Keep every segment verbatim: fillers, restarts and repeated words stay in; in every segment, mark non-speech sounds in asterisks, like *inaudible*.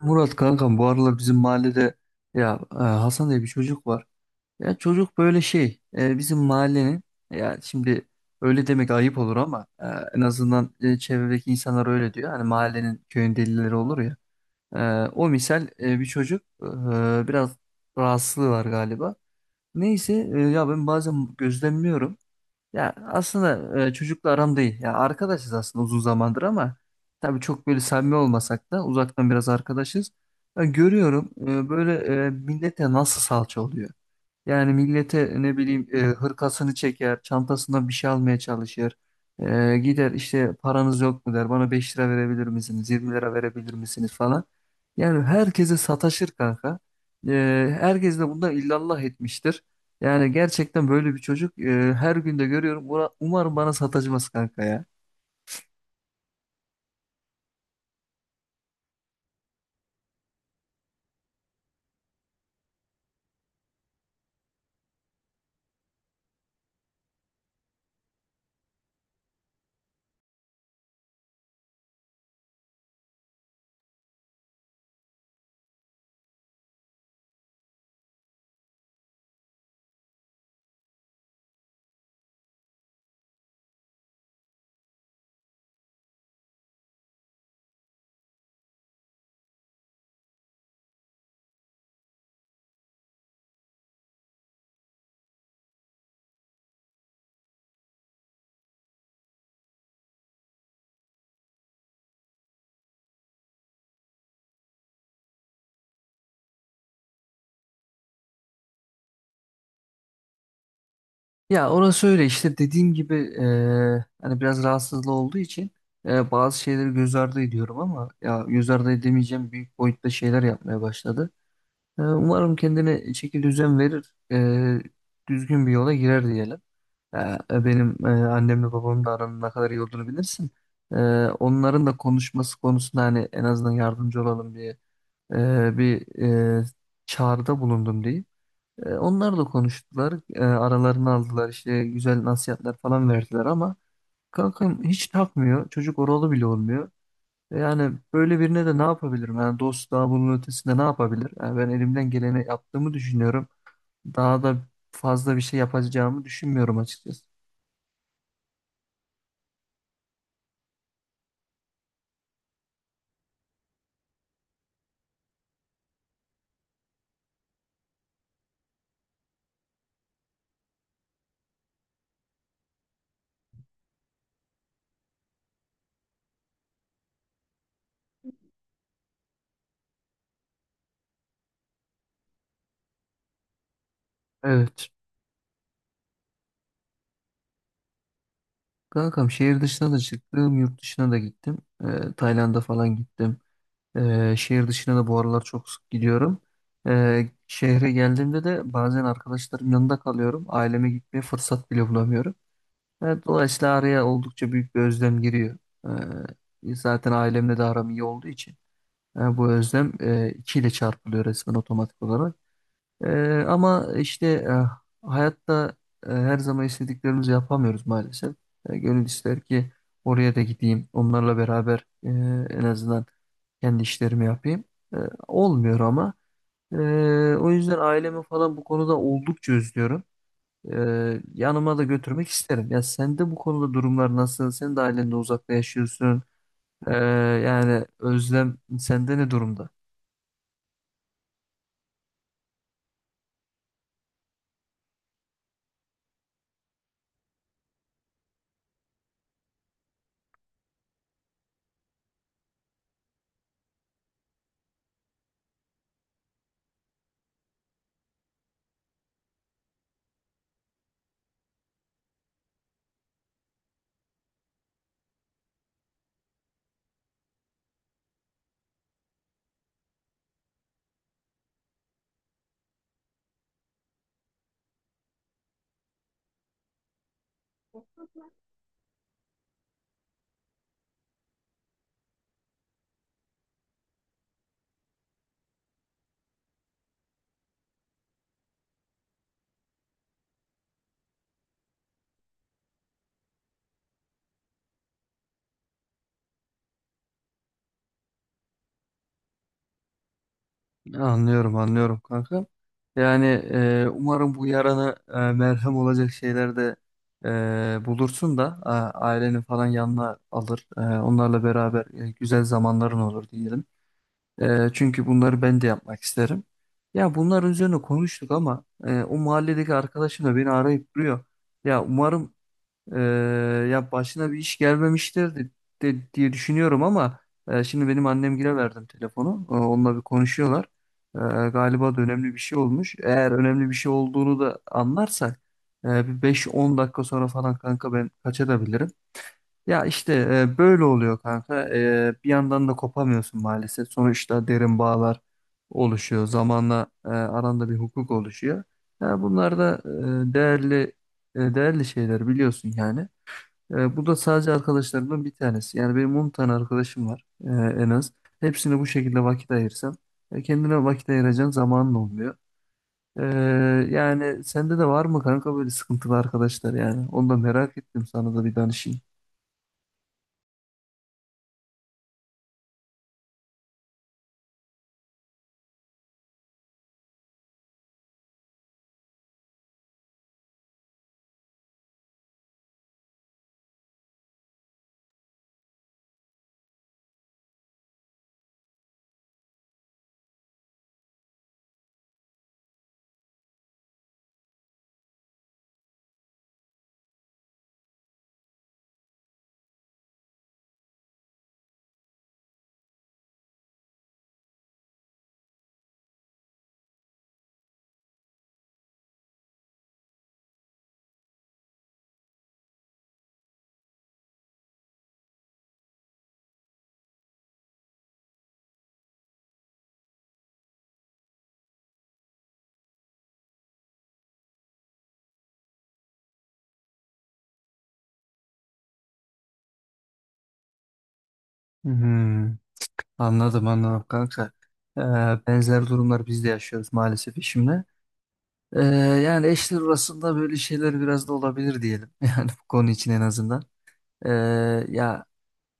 Murat kankam bu aralar bizim mahallede ya e, Hasan diye bir çocuk var. Ya çocuk böyle şey e, bizim mahallenin ya şimdi öyle demek ayıp olur ama e, en azından e, çevredeki insanlar öyle diyor. Hani mahallenin köyün delileri olur ya. E, o misal e, bir çocuk e, biraz rahatsızlığı var galiba. Neyse e, ya ben bazen gözlemliyorum. Ya aslında e, çocukla aram değil. Ya arkadaşız aslında uzun zamandır ama tabii çok böyle samimi olmasak da uzaktan biraz arkadaşız. Ya görüyorum e, böyle e, millete nasıl salça oluyor. Yani millete ne bileyim e, hırkasını çeker, çantasından bir şey almaya çalışır. E, gider işte paranız yok mu der, bana beş lira verebilir misiniz, yirmi lira verebilir misiniz falan. Yani herkese sataşır kanka. E, Herkes de bundan illallah etmiştir. Yani gerçekten böyle bir çocuk e, her gün de görüyorum. Ura- Umarım bana sataşmaz kanka ya. Ya orası öyle işte dediğim gibi eee, hani biraz rahatsızlığı olduğu için eee, bazı şeyleri göz ardı ediyorum ama ya göz ardı edemeyeceğim büyük boyutta şeyler yapmaya başladı. Eee, umarım kendine şekil düzen verir, eee, düzgün bir yola girer diyelim. Eee, Benim eee, annemle babamın da aranın ne kadar iyi olduğunu bilirsin. Eee, Onların da konuşması konusunda hani en azından yardımcı olalım diye eee, bir eee, çağrıda bulundum diyeyim. E, onlar da konuştular. E, aralarını aldılar işte güzel nasihatler falan verdiler ama kankam hiç takmıyor. Çocuk oralı bile olmuyor. E, Yani böyle birine de ne yapabilirim? Yani dost daha bunun ötesinde ne yapabilir? Yani ben elimden geleni yaptığımı düşünüyorum. Daha da fazla bir şey yapacağımı düşünmüyorum açıkçası. Evet. Kankam şehir dışına da çıktım, yurt dışına da gittim. E, Tayland'a falan gittim. Ee, şehir dışına da bu aralar çok sık gidiyorum. Ee, şehre geldiğimde de bazen arkadaşlarım yanında kalıyorum. Aileme gitmeye fırsat bile bulamıyorum. Evet, dolayısıyla araya oldukça büyük bir özlem giriyor. Ee, zaten ailemle de aram iyi olduğu için e, bu özlem e, iki ile çarpılıyor resmen otomatik olarak. Ee, Ama işte e, hayatta e, her zaman istediklerimizi yapamıyoruz maalesef. E, gönül ister ki oraya da gideyim, onlarla beraber e, en azından kendi işlerimi yapayım. E, Olmuyor ama. E, O yüzden ailemi falan bu konuda oldukça özlüyorum. E, yanıma da götürmek isterim. Ya sen de bu konuda durumlar nasıl? Sen de ailende uzakta yaşıyorsun. E, Yani özlem sende ne durumda? Anlıyorum, anlıyorum kanka. Yani e, umarım bu yarana e, merhem olacak şeyler de e, bulursun da a- ailenin falan yanına alır. E, onlarla beraber e, güzel zamanların olur diyelim. E, çünkü bunları ben de yapmak isterim. Ya bunlar üzerine konuştuk ama e, o mahalledeki arkadaşım da beni arayıp duruyor. Ya umarım ee, ya başına bir iş gelmemiştir de- de- diye düşünüyorum ama e, şimdi benim annemgile verdim telefonu. Ee, onunla bir konuşuyorlar. Ee, Galiba da önemli bir şey olmuş. Eğer önemli bir şey olduğunu da anlarsak e, bir 5-10 dakika sonra falan kanka ben kaçabilirim. Ya işte e, böyle oluyor kanka. Ee, bir yandan da kopamıyorsun maalesef. Sonuçta derin bağlar oluşuyor. Zamanla e, aranda bir hukuk oluşuyor. Ya bunlar da e, değerli e, değerli şeyler biliyorsun yani. Ee, bu da sadece arkadaşlarımdan bir tanesi. Yani benim on tane arkadaşım var e, en az. Hepsine bu şekilde vakit ayırsam e, kendine vakit ayıracağın zamanın olmuyor. Ee, Yani sende de var mı kanka böyle sıkıntılı arkadaşlar yani? Onu da merak ettim sana da bir danışayım. Hmm, anladım anladım kanka. Ee, Benzer durumlar biz de yaşıyoruz maalesef işimle. Ee, Yani eşler arasında böyle şeyler biraz da olabilir diyelim. *laughs* Yani bu konu için en azından. Ee, Ya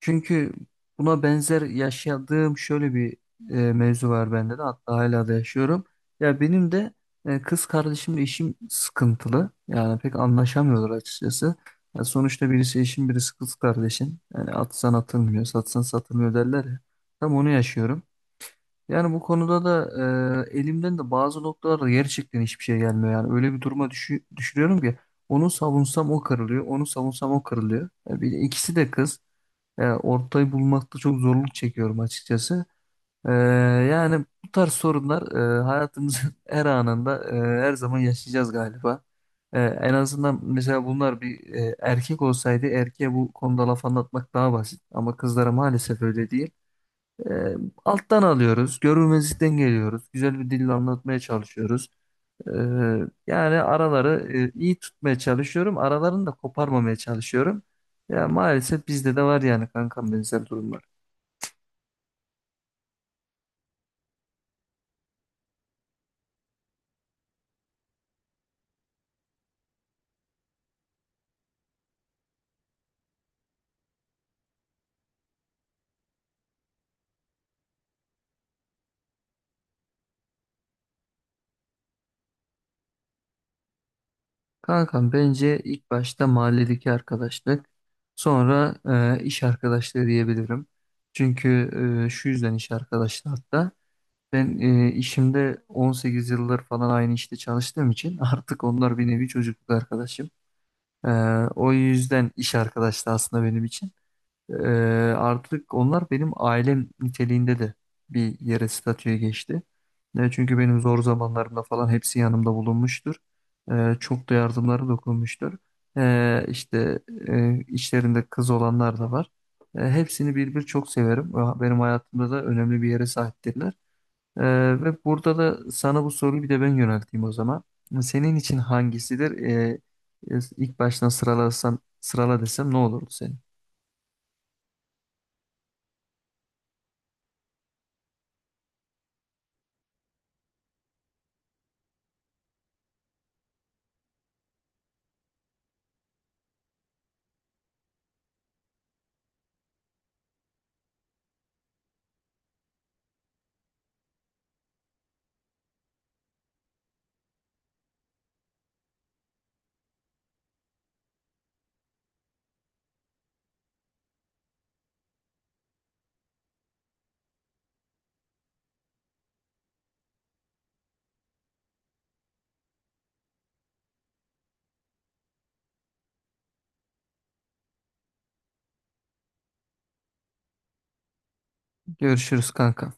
çünkü buna benzer yaşadığım şöyle bir e, mevzu var bende de hatta hala da yaşıyorum. Ya benim de e, kız kardeşimle işim sıkıntılı. Yani pek anlaşamıyorlar açıkçası. Ya sonuçta birisi eşim birisi kız kardeşin. Yani atsan atılmıyor, satsan satılmıyor derler ya. Tam onu yaşıyorum. Yani bu konuda da e, elimden de bazı noktalarda gerçekten hiçbir şey gelmiyor. Yani öyle bir duruma düşü- düşürüyorum ki onu savunsam o kırılıyor, onu savunsam o kırılıyor. Ya bir de ikisi de kız. Ya ortayı bulmakta çok zorluk çekiyorum açıkçası. Ee, Yani bu tarz sorunlar e, hayatımızın *laughs* her anında e, her zaman yaşayacağız galiba. Ee, en azından mesela bunlar bir e, erkek olsaydı erkeğe bu konuda laf anlatmak daha basit. Ama kızlara maalesef öyle değil. Ee, Alttan alıyoruz, görmezlikten geliyoruz, güzel bir dille anlatmaya çalışıyoruz. Ee, Yani araları e, iyi tutmaya çalışıyorum. Aralarını da koparmamaya çalışıyorum. Ya maalesef bizde de var yani kankam benzer durumlar. Kankam bence ilk başta mahalledeki arkadaşlık, sonra e, iş arkadaşlığı diyebilirim. Çünkü e, şu yüzden iş arkadaşlığı hatta ben e, işimde 18 yıllar falan aynı işte çalıştığım için *laughs* artık onlar bir nevi çocukluk arkadaşım. Ee, O yüzden iş arkadaşlığı aslında benim için. Ee, Artık onlar benim ailem niteliğinde de bir yere statüye geçti. Ne çünkü benim zor zamanlarımda falan hepsi yanımda bulunmuştur. Ee, çok da yardımları dokunmuştur. Ee, işte e, içlerinde kız olanlar da var. Ee, hepsini bir bir çok severim. Benim hayatımda da önemli bir yere sahiptirler. Ee, Ve burada da sana bu soruyu bir de ben yönelteyim o zaman. Senin için hangisidir? Ee, e, ilk baştan sıralasam, sırala desem ne olurdu senin? Görüşürüz kanka.